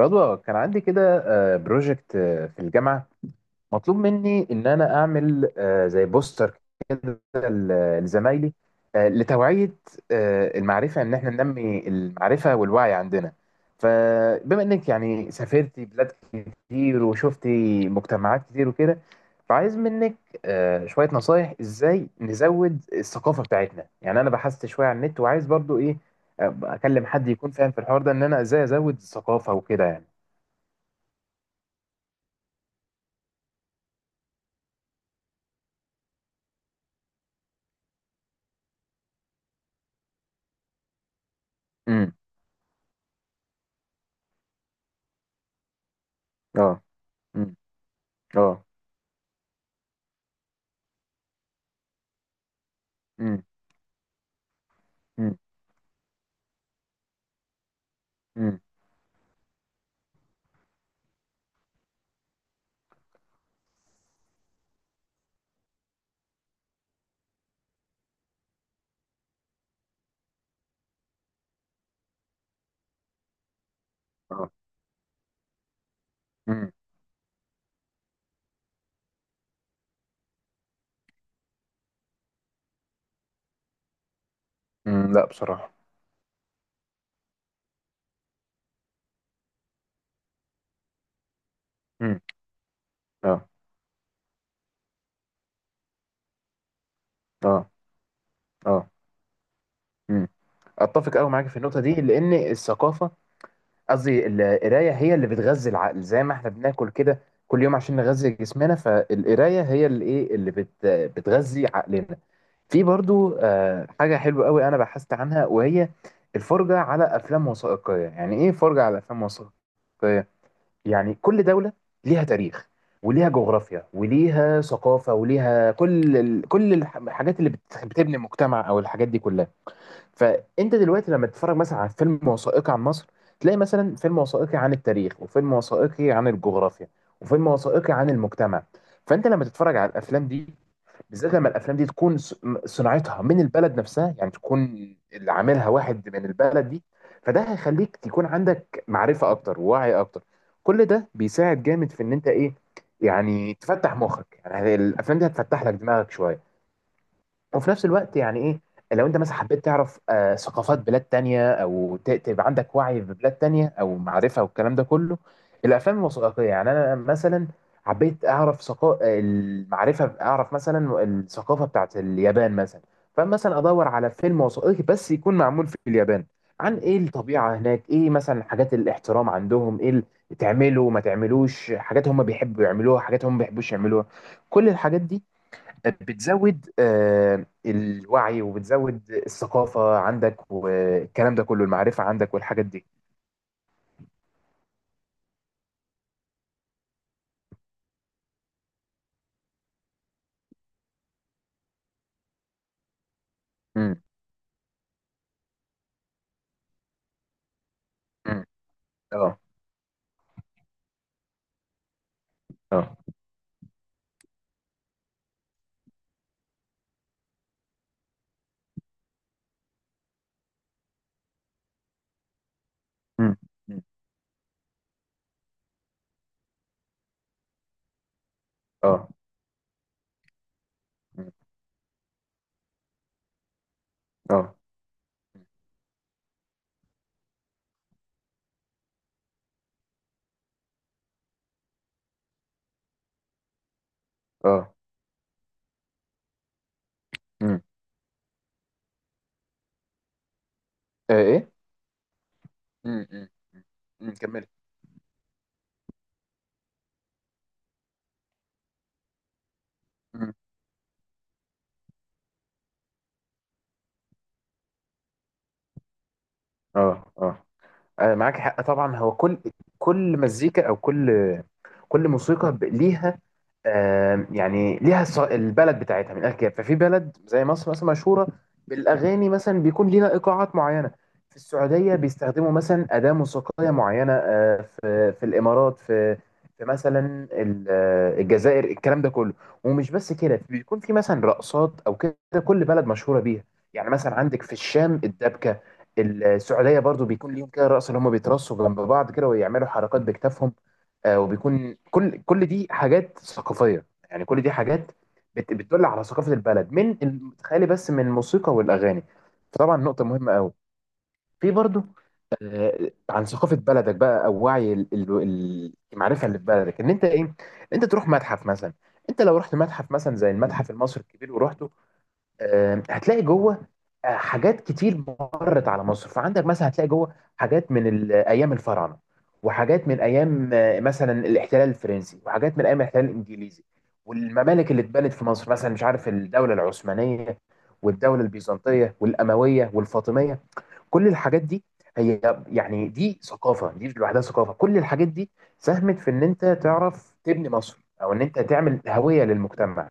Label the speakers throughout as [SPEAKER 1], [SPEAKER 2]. [SPEAKER 1] رضوى، كان عندي كده بروجكت في الجامعة. مطلوب مني إن أنا أعمل زي بوستر كده لزمايلي، لتوعية، المعرفة، إن إحنا ننمي المعرفة والوعي عندنا. فبما إنك يعني سافرتي بلاد كتير وشفتي مجتمعات كتير وكده، فعايز منك شوية نصايح، إزاي نزود الثقافة بتاعتنا. يعني أنا بحثت شوية على النت، وعايز برضو إيه، أكلم حد يكون فاهم في الحوار ده، إن أنا إزاي أزود الثقافة وكده يعني. امم. اه. امم. اه. امم. امم. امم. اه. امم. امم. لا، بصراحة. امم. اه. اه. اه. امم. اتفق قوي معاك في النقطه دي، لان الثقافه، قصدي القرايه، هي اللي بتغذي العقل. زي ما احنا بناكل كده كل يوم عشان نغذي جسمنا، فالقرايه هي اللي ايه، اللي بتغذي عقلنا. في برضو حاجه حلوه قوي انا بحثت عنها، وهي الفرجه على افلام وثائقيه. يعني ايه فرجه على افلام وثائقيه؟ يعني كل دولة ليها تاريخ وليها جغرافيا وليها ثقافة وليها كل الحاجات اللي بتبني المجتمع، أو الحاجات دي كلها. فأنت دلوقتي لما تتفرج مثلا على فيلم وثائقي عن مصر، تلاقي مثلا فيلم وثائقي عن التاريخ، وفيلم وثائقي عن الجغرافيا، وفيلم وثائقي عن المجتمع. فأنت لما تتفرج على الأفلام دي، بالذات لما الافلام دي تكون صناعتها من البلد نفسها، يعني تكون اللي عاملها واحد من البلد دي، فده هيخليك تكون عندك معرفه اكتر ووعي اكتر. كل ده بيساعد جامد في ان انت ايه، يعني تفتح مخك. يعني الافلام دي هتفتح لك دماغك شويه. وفي نفس الوقت يعني ايه، لو انت مثلا حبيت تعرف ثقافات بلاد تانية، او تبقى عندك وعي ببلاد تانية او معرفة والكلام ده كله، الافلام الوثائقية. يعني انا مثلا حبيت اعرف، المعرفة، اعرف مثلا الثقافة بتاعت اليابان مثلا، فمثلا ادور على فيلم وثائقي بس يكون معمول في اليابان، عن ايه الطبيعة هناك، ايه مثلا حاجات الاحترام عندهم، ايه تعملوا ما تعملوش، حاجات هم بيحبوا يعملوها، حاجات هم ما بيحبوش يعملوها. كل الحاجات دي بتزود الوعي، وبتزود الثقافة عندك والكلام ده كله، المعرفة عندك والحاجات دي. امم. امم. اه. اه. امم. امم. اه. امم. اه. اه. امم. آه، ايه. امم. امم. امم، كمل. امم. اه. اه. معاك حق طبعا. هو كل مزيكا، او كل موسيقى، ليها يعني ليها البلد بتاعتها، من الاخر كده. ففي بلد زي مصر مثلا مشهوره بالاغاني، مثلا بيكون ليها ايقاعات معينه. في السعوديه بيستخدموا مثلا اداه موسيقيه معينه. في الامارات، في مثلا الجزائر، الكلام ده كله. ومش بس كده، بيكون في مثلا رقصات او كده. كل بلد مشهوره بيها، يعني مثلا عندك في الشام الدبكه. السعوديه برضو بيكون ليهم كده رقص، اللي هم بيترصوا جنب بعض كده ويعملوا حركات بكتافهم. وبيكون كل دي حاجات ثقافيه، يعني كل دي حاجات بتدل على ثقافه البلد، تخيلي بس من الموسيقى والاغاني! فطبعا نقطه مهمه قوي. في برضو عن ثقافه بلدك بقى، او وعي المعرفه اللي في بلدك، ان انت ايه، انت تروح متحف مثلا. انت لو رحت متحف مثلا زي المتحف المصري الكبير ورحته، هتلاقي جوه حاجات كتير مرت على مصر. فعندك مثلا هتلاقي جوه حاجات من ايام الفراعنه، وحاجات من ايام مثلا الاحتلال الفرنسي، وحاجات من ايام الاحتلال الانجليزي، والممالك اللي اتبنت في مصر، مثلا مش عارف، الدوله العثمانيه والدوله البيزنطيه والامويه والفاطميه. كل الحاجات دي هي، يعني دي ثقافه، دي لوحدها ثقافه. كل الحاجات دي ساهمت في ان انت تعرف تبني مصر، او ان انت تعمل هويه للمجتمع.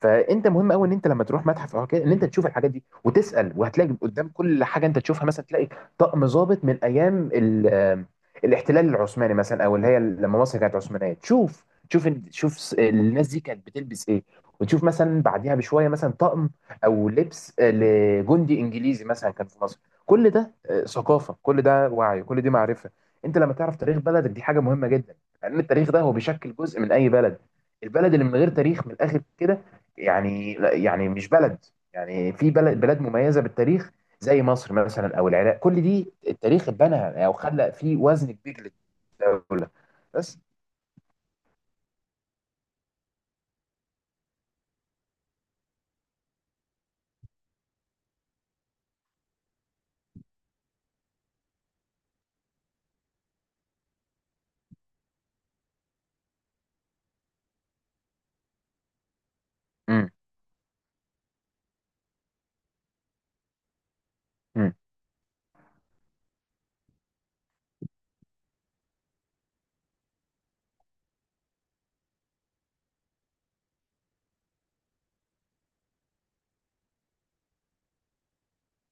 [SPEAKER 1] فانت مهم قوي ان انت لما تروح متحف او كده، ان انت تشوف الحاجات دي وتسال، وهتلاقي قدام كل حاجه انت تشوفها مثلا، تلاقي طقم ضابط من ايام الاحتلال العثماني مثلا، او اللي هي لما مصر كانت عثمانيه. تشوف الناس دي كانت بتلبس ايه. وتشوف مثلا بعديها بشويه مثلا طقم او لبس لجندي انجليزي مثلا كان في مصر. كل ده ثقافه، كل ده وعي، كل دي معرفه. انت لما تعرف تاريخ بلدك، دي حاجه مهمه جدا، لان التاريخ ده هو بيشكل جزء من اي بلد. البلد اللي من غير تاريخ، من الاخر كده، يعني يعني مش بلد. يعني في بلاد مميزه بالتاريخ زي مصر مثلا او العراق، كل دي التاريخ اتبنى او خلق فيه وزن كبير للدوله. بس. امم.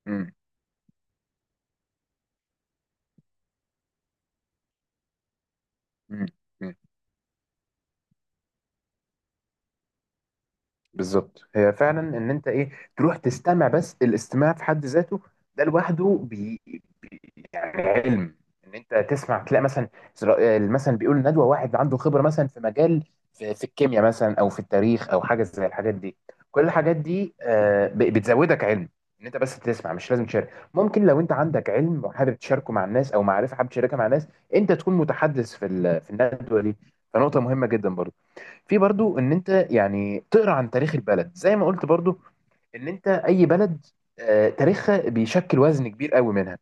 [SPEAKER 1] امم. امم. بالظبط. هي فعلا ان انت ايه، تروح تستمع. بس الاستماع في حد ذاته ده لوحده بي- يعني علم. ان انت تسمع، تلاقي مثلا مثلا بيقول ندوه، واحد عنده خبره مثلا في مجال، في الكيمياء مثلا او في التاريخ او حاجه زي الحاجات دي. كل الحاجات دي بتزودك علم. ان انت بس تسمع، مش لازم تشارك. ممكن لو انت عندك علم وحابب تشاركه مع الناس، او معرفه حابب تشاركها مع الناس، انت تكون متحدث في الندوه دي. فنقطه مهمه جدا برضه. في برضو ان انت يعني تقرا عن تاريخ البلد زي ما قلت برضو. ان انت اي بلد، تاريخها بيشكل وزن كبير قوي منها.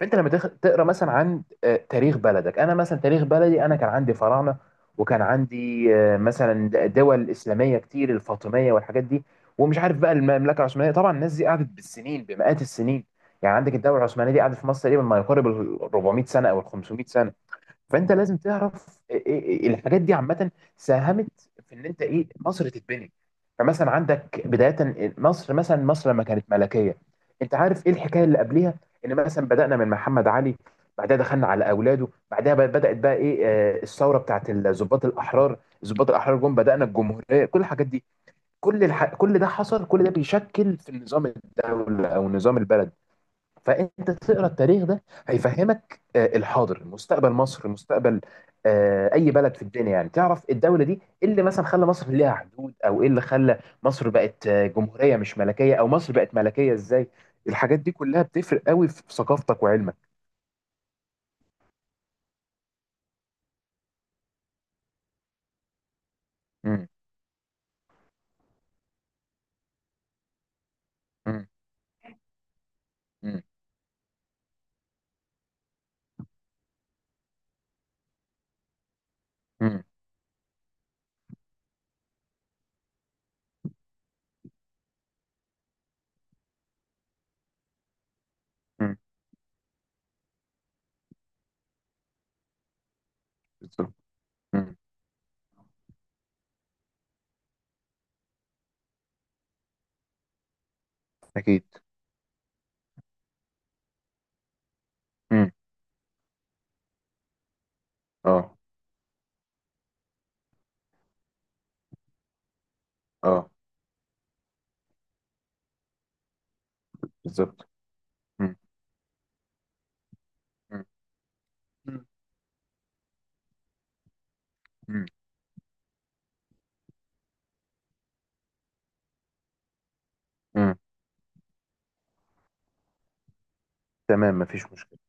[SPEAKER 1] فانت لما تقرا مثلا عن تاريخ بلدك. انا مثلا تاريخ بلدي انا كان عندي فراعنه، وكان عندي مثلا دول اسلاميه كتير، الفاطميه والحاجات دي، ومش عارف بقى المملكه العثمانيه. طبعا الناس دي قعدت بالسنين، بمئات السنين. يعني عندك الدوله العثمانيه دي قعدت في مصر تقريبا ما يقارب ال 400 سنه او ال 500 سنه. فانت لازم تعرف إيه، الحاجات دي عامه ساهمت في ان انت ايه مصر تتبني. فمثلا عندك بدايه مصر، مثلا مصر لما كانت ملكيه، انت عارف ايه الحكايه اللي قبليها؟ ان مثلا بدانا من محمد علي، بعدها دخلنا على اولاده، بعدها بدات بقى ايه، الثوره بتاعت الضباط الاحرار جم، بدانا الجمهوريه. كل الحاجات دي، كل ده حصل، كل ده بيشكل في النظام الدوله او نظام البلد. فانت تقرا التاريخ ده، هيفهمك الحاضر، مستقبل مصر، مستقبل اي بلد في الدنيا. يعني تعرف الدوله دي ايه اللي مثلا خلى مصر ليها حدود، او ايه اللي خلى مصر بقت جمهوريه مش ملكيه، او مصر بقت ملكيه ازاي. الحاجات دي كلها بتفرق قوي في ثقافتك وعلمك. امم. امم. امم. امم. امم. بالظبط. امم. اكيد. امم. اه. اه. بالظبط. امم. امم. امم. امم. تمام، مفيش مشكله.